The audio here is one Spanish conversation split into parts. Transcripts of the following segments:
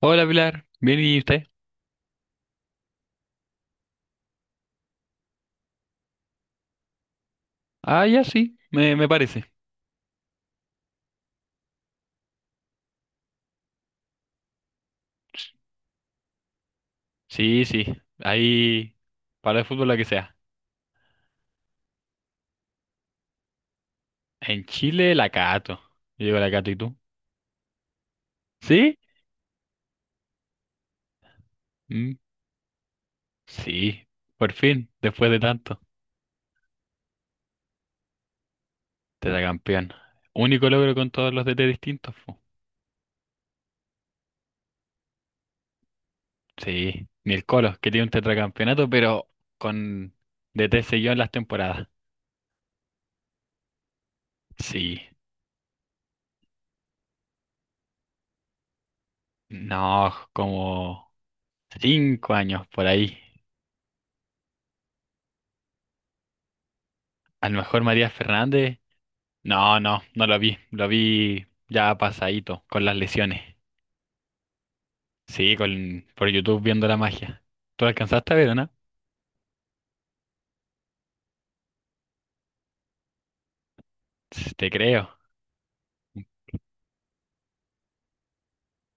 Hola Pilar, ¿bien y usted? Ah, ya sí, me parece. Sí, sí, ahí para el fútbol la que sea. En Chile la cato. Yo digo la cato, ¿y tú? ¿Sí? Mm, sí, por fin, después de tanto. Tetracampeón. Único logro con todos los DT distintos po. Sí, ni el Colo, que tiene un tetracampeonato, pero con DT seguido en las temporadas. Sí, no, como 5 años por ahí. A lo mejor María Fernández. No, no, no lo vi. Lo vi ya pasadito, con las lesiones. Sí, por YouTube viendo la magia. ¿Tú la alcanzaste a ver o no? Sí, te creo.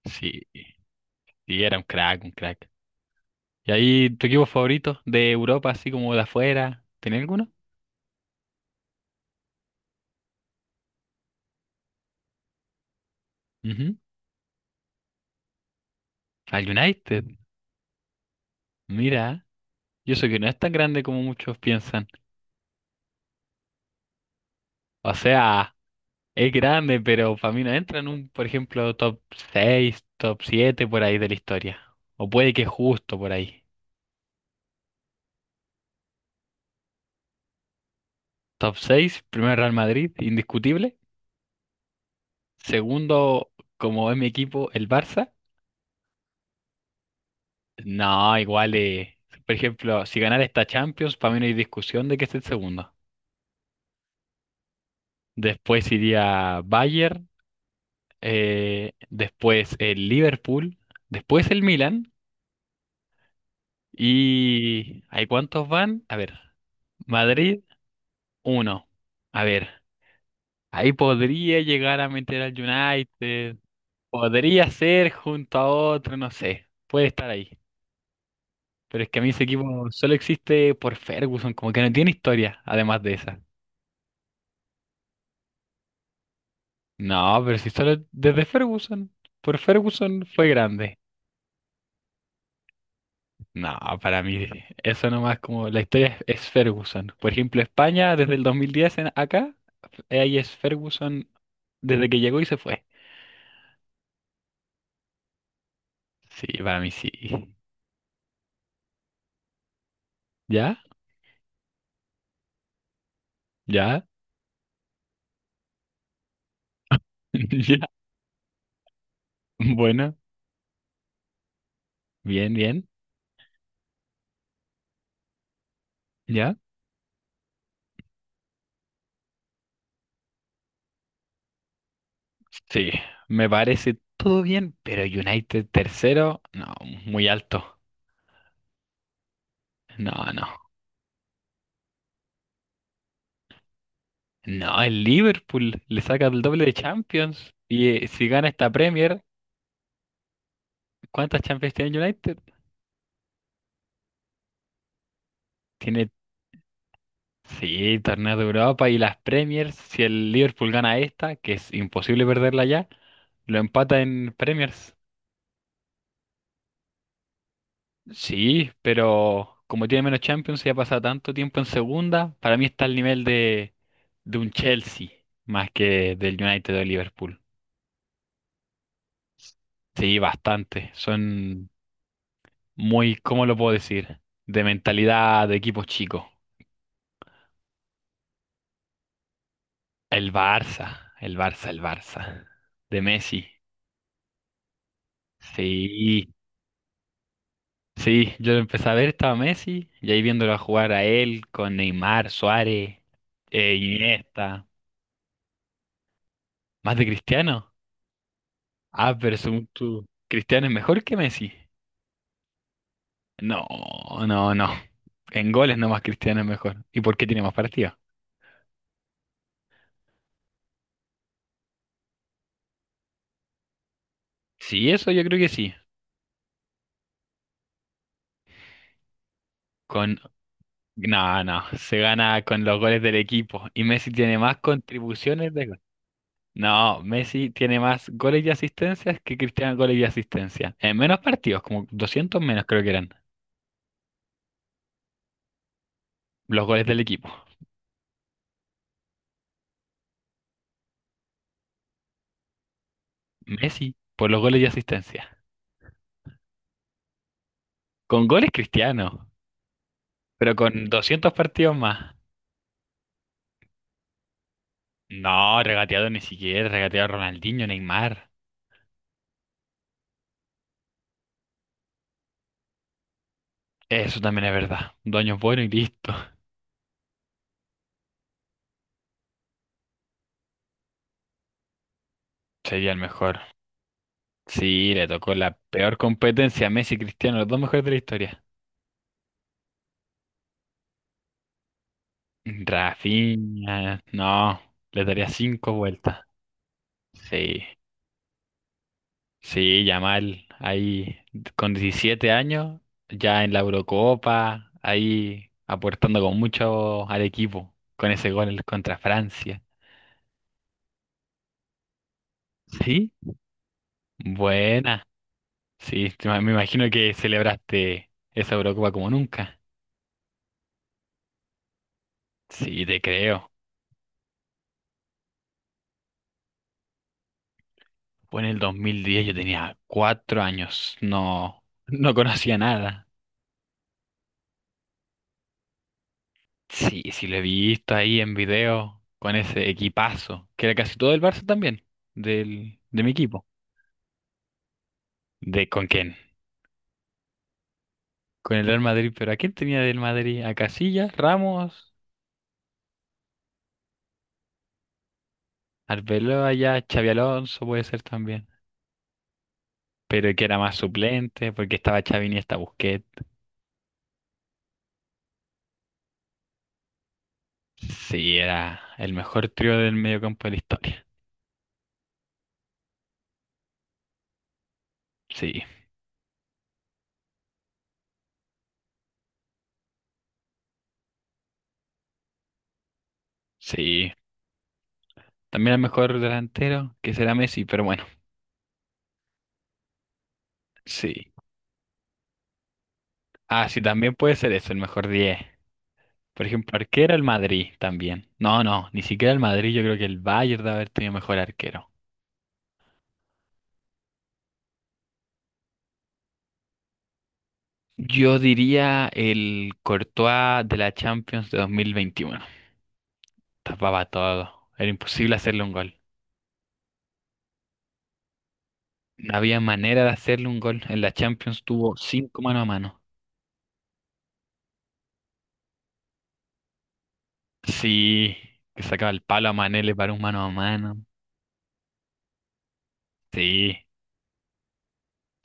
Sí, sí, era un crack, un crack. ¿Y ahí tu equipo favorito de Europa, así como de afuera? ¿Tenés alguno? Ujú. Al United. Mira, yo sé que no es tan grande como muchos piensan. O sea, es grande, pero para mí no entra en un, por ejemplo, top 6 top 7 por ahí de la historia. O puede que justo por ahí. Top 6, primero Real Madrid, indiscutible. Segundo, como es mi equipo, el Barça. No, igual, por ejemplo, si ganara esta Champions, para mí no hay discusión de que esté el segundo. Después iría Bayern, después el Liverpool, después el Milan. ¿Y hay cuántos van? A ver, Madrid, uno. A ver, ahí podría llegar a meter al United, podría ser junto a otro, no sé, puede estar ahí. Pero es que a mí ese equipo solo existe por Ferguson, como que no tiene historia, además de esa. No, pero si solo desde Ferguson, por Ferguson fue grande. No, para mí eso nomás como la historia es Ferguson. Por ejemplo, España desde el 2010 en acá, ahí es Ferguson desde que llegó y se fue. Sí, para mí sí. ¿Ya? ¿Ya? ¿Ya? Bueno, bien, bien. ¿Ya? Sí, me parece todo bien, pero United tercero, no, muy alto. No, no. No, el Liverpool le saca el doble de Champions. Y si gana esta Premier, ¿cuántas Champions tiene el United? Tiene, sí, torneos de Europa y las Premiers. Si el Liverpool gana esta, que es imposible perderla ya, lo empata en Premiers. Sí, pero como tiene menos Champions y ha pasado tanto tiempo en segunda, para mí está al nivel de un Chelsea más que del United o Liverpool. Sí, bastante. Son muy, ¿cómo lo puedo decir? De mentalidad de equipos chicos. El Barça, el Barça, el Barça. De Messi. Sí, sí, yo lo empecé a ver, estaba Messi, y ahí viéndolo jugar a él con Neymar, Suárez, Iniesta. ¿Más de Cristiano? Ah, pero según tú, ¿Cristiano es mejor que Messi? No, no, no. En goles nomás Cristiano es mejor. ¿Y por qué tiene más partidos? Sí, eso yo creo que sí. con No, no, se gana con los goles del equipo y Messi tiene más contribuciones de gol. No, Messi tiene más goles y asistencias que Cristiano goles y asistencias. En menos partidos, como 200 menos creo que eran. Los goles del equipo. Messi por los goles y asistencias. Con goles Cristiano, pero con 200 partidos más. No, regateado ni siquiera, regateado Ronaldinho, Neymar. Eso también es verdad. Dos es bueno y listo. Sería el mejor. Sí, le tocó la peor competencia a Messi y Cristiano, los dos mejores de la historia. Rafinha, no, le daría cinco vueltas. Sí, sí, Yamal, ahí con 17 años, ya en la Eurocopa, ahí aportando con mucho al equipo, con ese gol contra Francia. Sí, buena. Sí, me imagino que celebraste esa Eurocopa como nunca. Sí, te creo. Fue en el 2010, yo tenía 4 años, no, no conocía nada. Sí, sí lo he visto ahí en video con ese equipazo, que era casi todo el Barça también, de mi equipo. ¿De con quién? Con el Real Madrid, pero ¿a quién tenía del Madrid? A Casillas, Ramos, Arbeloa ya, Xavi Alonso puede ser también. Pero que era más suplente, porque estaba Xavi y estaba Busquets. Sí, era el mejor trío del mediocampo de la historia. Sí, sí. También el mejor delantero, que será Messi, pero bueno, sí. Ah, sí, también puede ser eso, el mejor 10. Por ejemplo, arquero el Madrid también. No, no, ni siquiera el Madrid. Yo creo que el Bayern debe haber tenido mejor arquero. Yo diría el Courtois de la Champions de 2021. Tapaba todo. Era imposible hacerle un gol. No había manera de hacerle un gol. En la Champions tuvo cinco mano a mano. Sí, que sacaba el palo a Mané, le paró un mano a mano. Sí,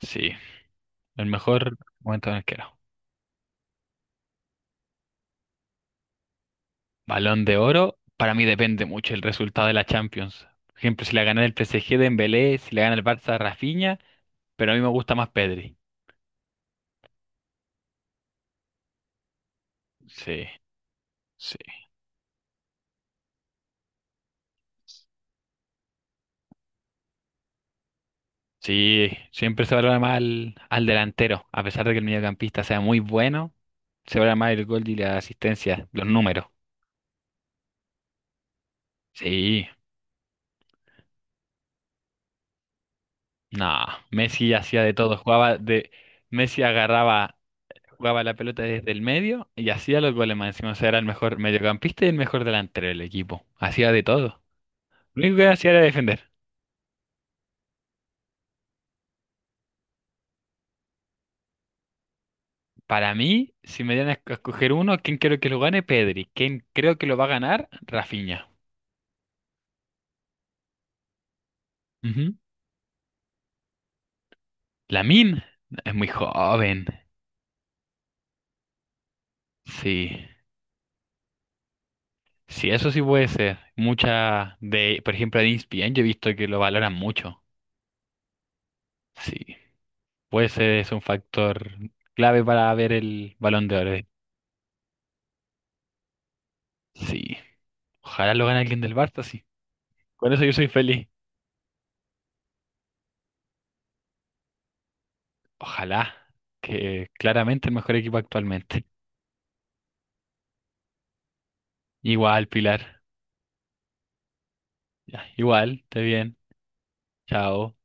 sí. El mejor momento del arquero. Balón de oro, para mí depende mucho el resultado de la Champions. Por ejemplo, si la gana el PSG de Dembélé, si la gana el Barça Rafinha, pero a mí me gusta más Pedri. Sí, sí. Sí, siempre se valora más al delantero, a pesar de que el mediocampista sea muy bueno, se valora más el gol y la asistencia, los números. Sí, no, Messi hacía de todo, jugaba de. Messi agarraba, jugaba la pelota desde el medio y hacía los goles más encima, o sea, era el mejor mediocampista y el mejor delantero del equipo, hacía de todo. Lo único que hacía era defender. Para mí, si me dieran a escoger uno, ¿quién quiero que lo gane? Pedri. ¿Quién creo que lo va a ganar? Rafinha. Ujú. Lamine es muy joven. Sí. Sí, eso sí puede ser. Mucha de, por ejemplo, de ESPN yo he visto que lo valoran mucho. Sí. Puede ser, es un factor clave para ver el Balón de Oro. Sí. Ojalá lo gane alguien del Barça, sí. Con eso yo soy feliz. Ojalá, que claramente el mejor equipo actualmente. Igual, Pilar. Ya, igual, esté bien. Chao.